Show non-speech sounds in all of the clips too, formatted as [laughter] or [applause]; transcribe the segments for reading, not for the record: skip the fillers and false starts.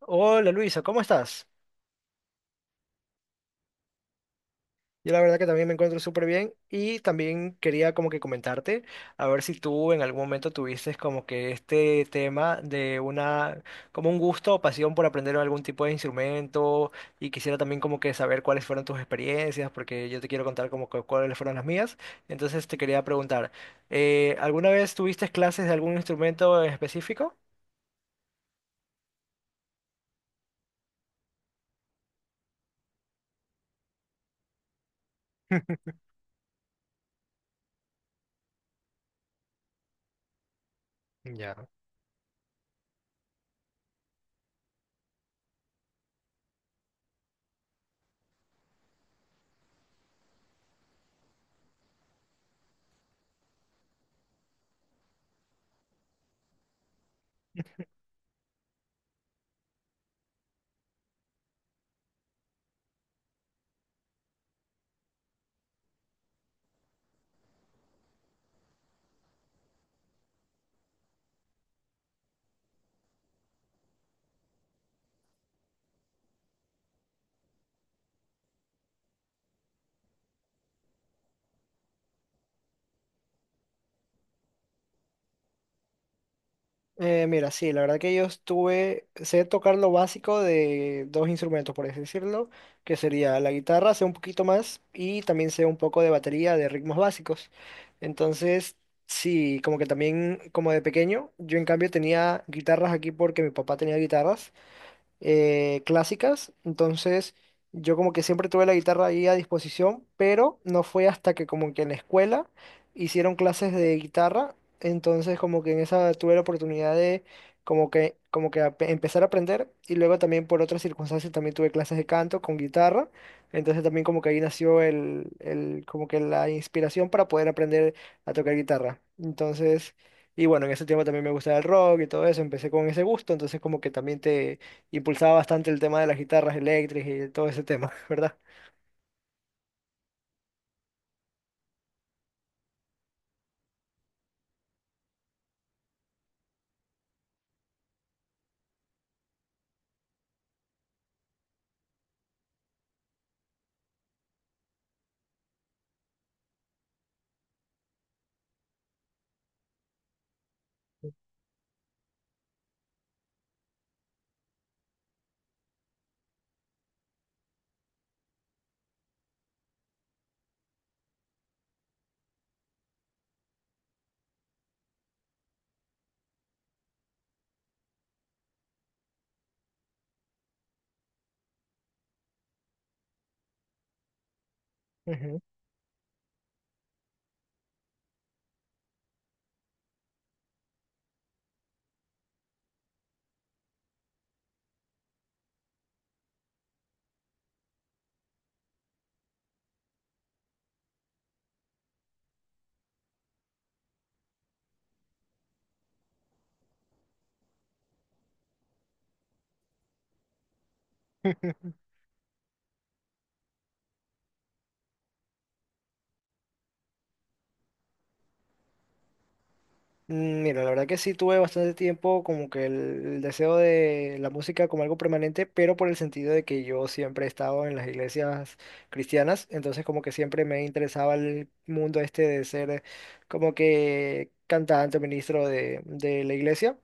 Hola Luisa, ¿cómo estás? Yo la verdad que también me encuentro súper bien y también quería como que comentarte a ver si tú en algún momento tuviste como que este tema como un gusto o pasión por aprender algún tipo de instrumento y quisiera también como que saber cuáles fueron tus experiencias porque yo te quiero contar como que cuáles fueron las mías. Entonces te quería preguntar, ¿alguna vez tuviste clases de algún instrumento en específico? Ya. Mira, sí, la verdad que yo estuve, sé tocar lo básico de dos instrumentos, por así decirlo, que sería la guitarra, sé un poquito más, y también sé un poco de batería, de ritmos básicos. Entonces, sí, como que también, como de pequeño, yo en cambio tenía guitarras aquí porque mi papá tenía guitarras, clásicas, entonces yo como que siempre tuve la guitarra ahí a disposición, pero no fue hasta que como que en la escuela hicieron clases de guitarra, entonces como que en esa tuve la oportunidad de como que empezar a aprender y luego también por otras circunstancias también tuve clases de canto con guitarra, entonces también como que ahí nació el como que la inspiración para poder aprender a tocar guitarra. Entonces... Y bueno, en ese tiempo también me gustaba el rock y todo eso, empecé con ese gusto, entonces como que también te, impulsaba bastante el tema de las guitarras eléctricas y todo ese tema, [laughs] ¿verdad? Ujú. [laughs] Mm, mira, la verdad que sí tuve bastante tiempo como que el deseo de la música como algo permanente, pero por el sentido de que yo siempre he estado en las iglesias cristianas, entonces como que siempre me interesaba el mundo este de ser como que cantante o ministro de la iglesia.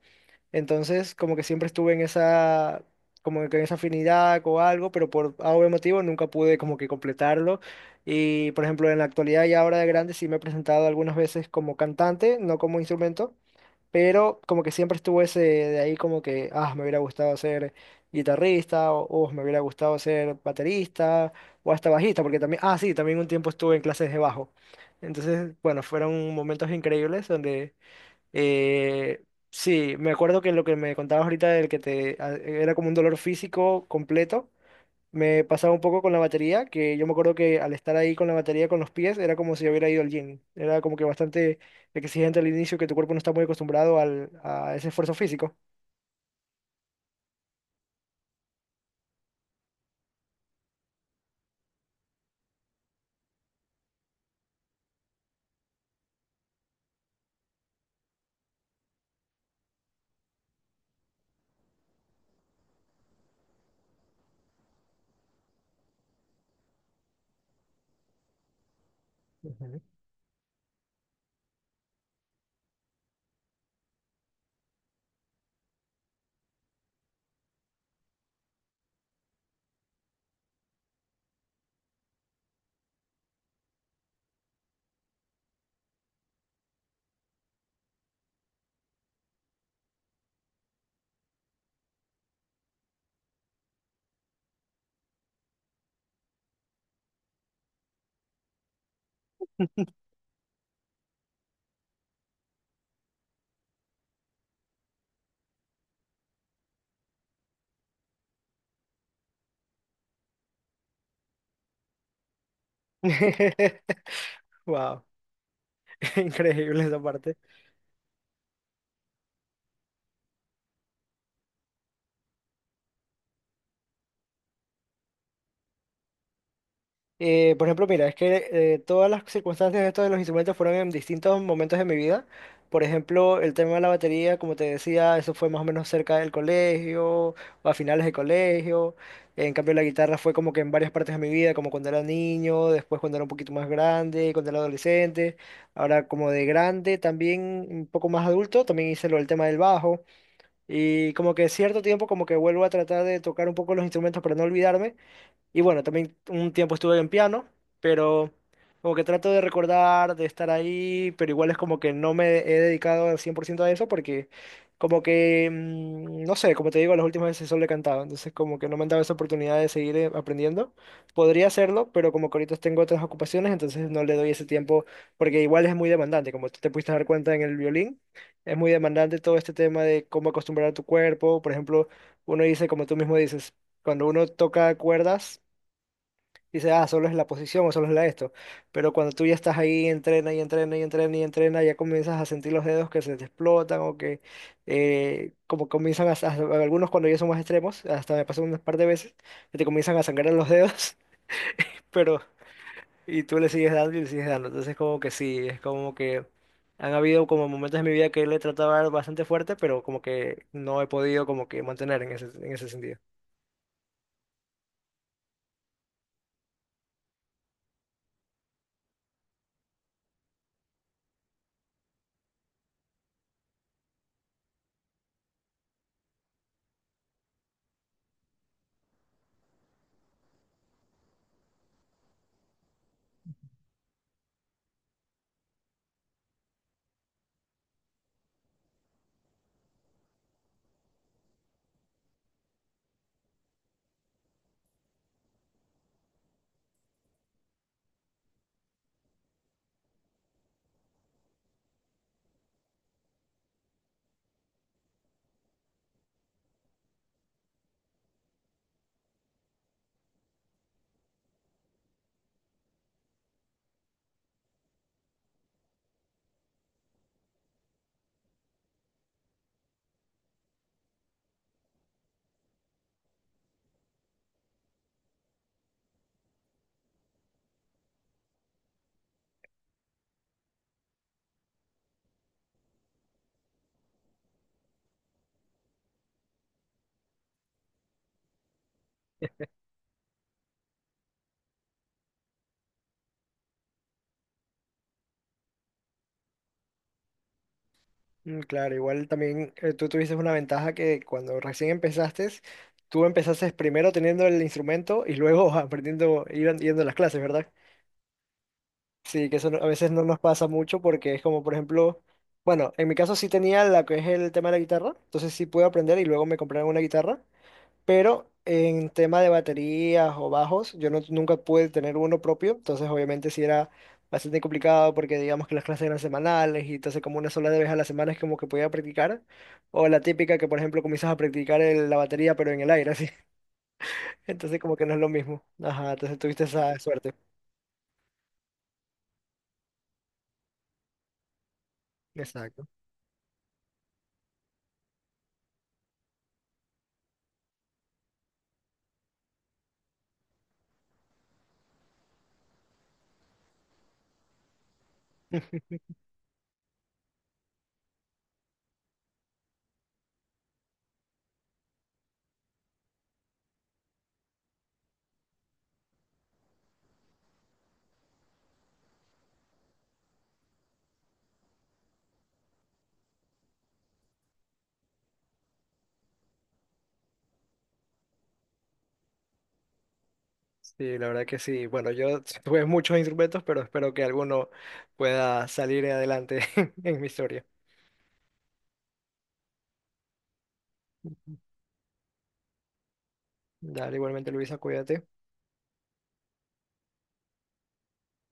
Entonces, como que siempre estuve en esa, como que en esa afinidad o algo, pero por A o B motivo nunca pude como que completarlo. Y, por ejemplo, en la actualidad y ahora de grande sí me he presentado algunas veces como cantante, no como instrumento, pero como que siempre estuvo ese de ahí como que, ah, me hubiera gustado ser guitarrista o, "Oh, me hubiera gustado ser baterista o hasta bajista, porque también, ah, sí, también un tiempo estuve en clases de bajo. Entonces, bueno, fueron momentos increíbles donde eh, sí, me acuerdo que lo que me contabas ahorita del que te era como un dolor físico completo, me pasaba un poco con la batería, que yo me acuerdo que al estar ahí con la batería con los pies era como si yo hubiera ido al gym. Era como que bastante exigente al inicio, que tu cuerpo no está muy acostumbrado al, a ese esfuerzo físico. Ujú. [laughs] Wow, [laughs] increíble esa parte. Por ejemplo, mira, es que todas las circunstancias de estos de los instrumentos fueron en distintos momentos de mi vida. Por ejemplo, el tema de la batería, como te decía, eso fue más o menos cerca del colegio o a finales de colegio. En cambio, la guitarra fue como que en varias partes de mi vida, como cuando era niño, después cuando era un poquito más grande, cuando era adolescente. Ahora como de grande, también un poco más adulto, también hice lo del tema del bajo. Y como que cierto tiempo como que vuelvo a tratar de tocar un poco los instrumentos para no olvidarme y bueno, también un tiempo estuve en piano, pero como que trato de recordar, de estar ahí, pero igual es como que no me he dedicado al 100% a eso porque como que, mm, no sé, como te digo, las últimas veces solo he cantado, entonces como que no me han dado esa oportunidad de seguir aprendiendo. Podría hacerlo, pero como que ahorita tengo otras ocupaciones, entonces no le doy ese tiempo porque igual es muy demandante, como tú te pudiste dar cuenta en el violín, es muy demandante todo este tema de cómo acostumbrar a tu cuerpo, por ejemplo, uno dice, como tú mismo dices, cuando uno toca cuerdas, dice, ah, solo es la posición o solo es la esto. Pero cuando tú ya estás ahí, entrena y entrena y entrena y entrena, ya comienzas a sentir los dedos que se te explotan o que como comienzan a, algunos cuando ya son más extremos, hasta me pasó unas par de veces, que te comienzan a sangrar los dedos, [laughs] pero y tú le sigues dando y le sigues dando. Entonces como que sí, es como que han habido como momentos en mi vida que le he tratado de dar bastante fuerte, pero como que no he podido como que mantener en ese sentido. Mm, claro, igual también tú tuviste una ventaja que cuando recién empezaste, tú empezaste primero teniendo el instrumento y luego [laughs] aprendiendo, yendo a las clases, ¿verdad? Sí, que eso a veces no nos pasa mucho porque es como, por ejemplo, bueno, en mi caso sí tenía la que es el tema de la guitarra, entonces sí pude aprender y luego me compraron una guitarra, pero en tema de baterías o bajos, yo no, nunca pude tener uno propio, entonces obviamente sí era bastante complicado porque digamos que las clases eran semanales y entonces como una sola vez a la semana es como que podía practicar, o la típica que por ejemplo comienzas a practicar la batería pero en el aire, así, [laughs] entonces como que no es lo mismo. Ajá, entonces tuviste esa suerte. Exacto. Sí, la verdad que sí. Bueno, yo [laughs] tuve muchos instrumentos, pero espero que alguno pueda salir adelante [laughs] en mi historia. Dale, igualmente Luisa, cuídate.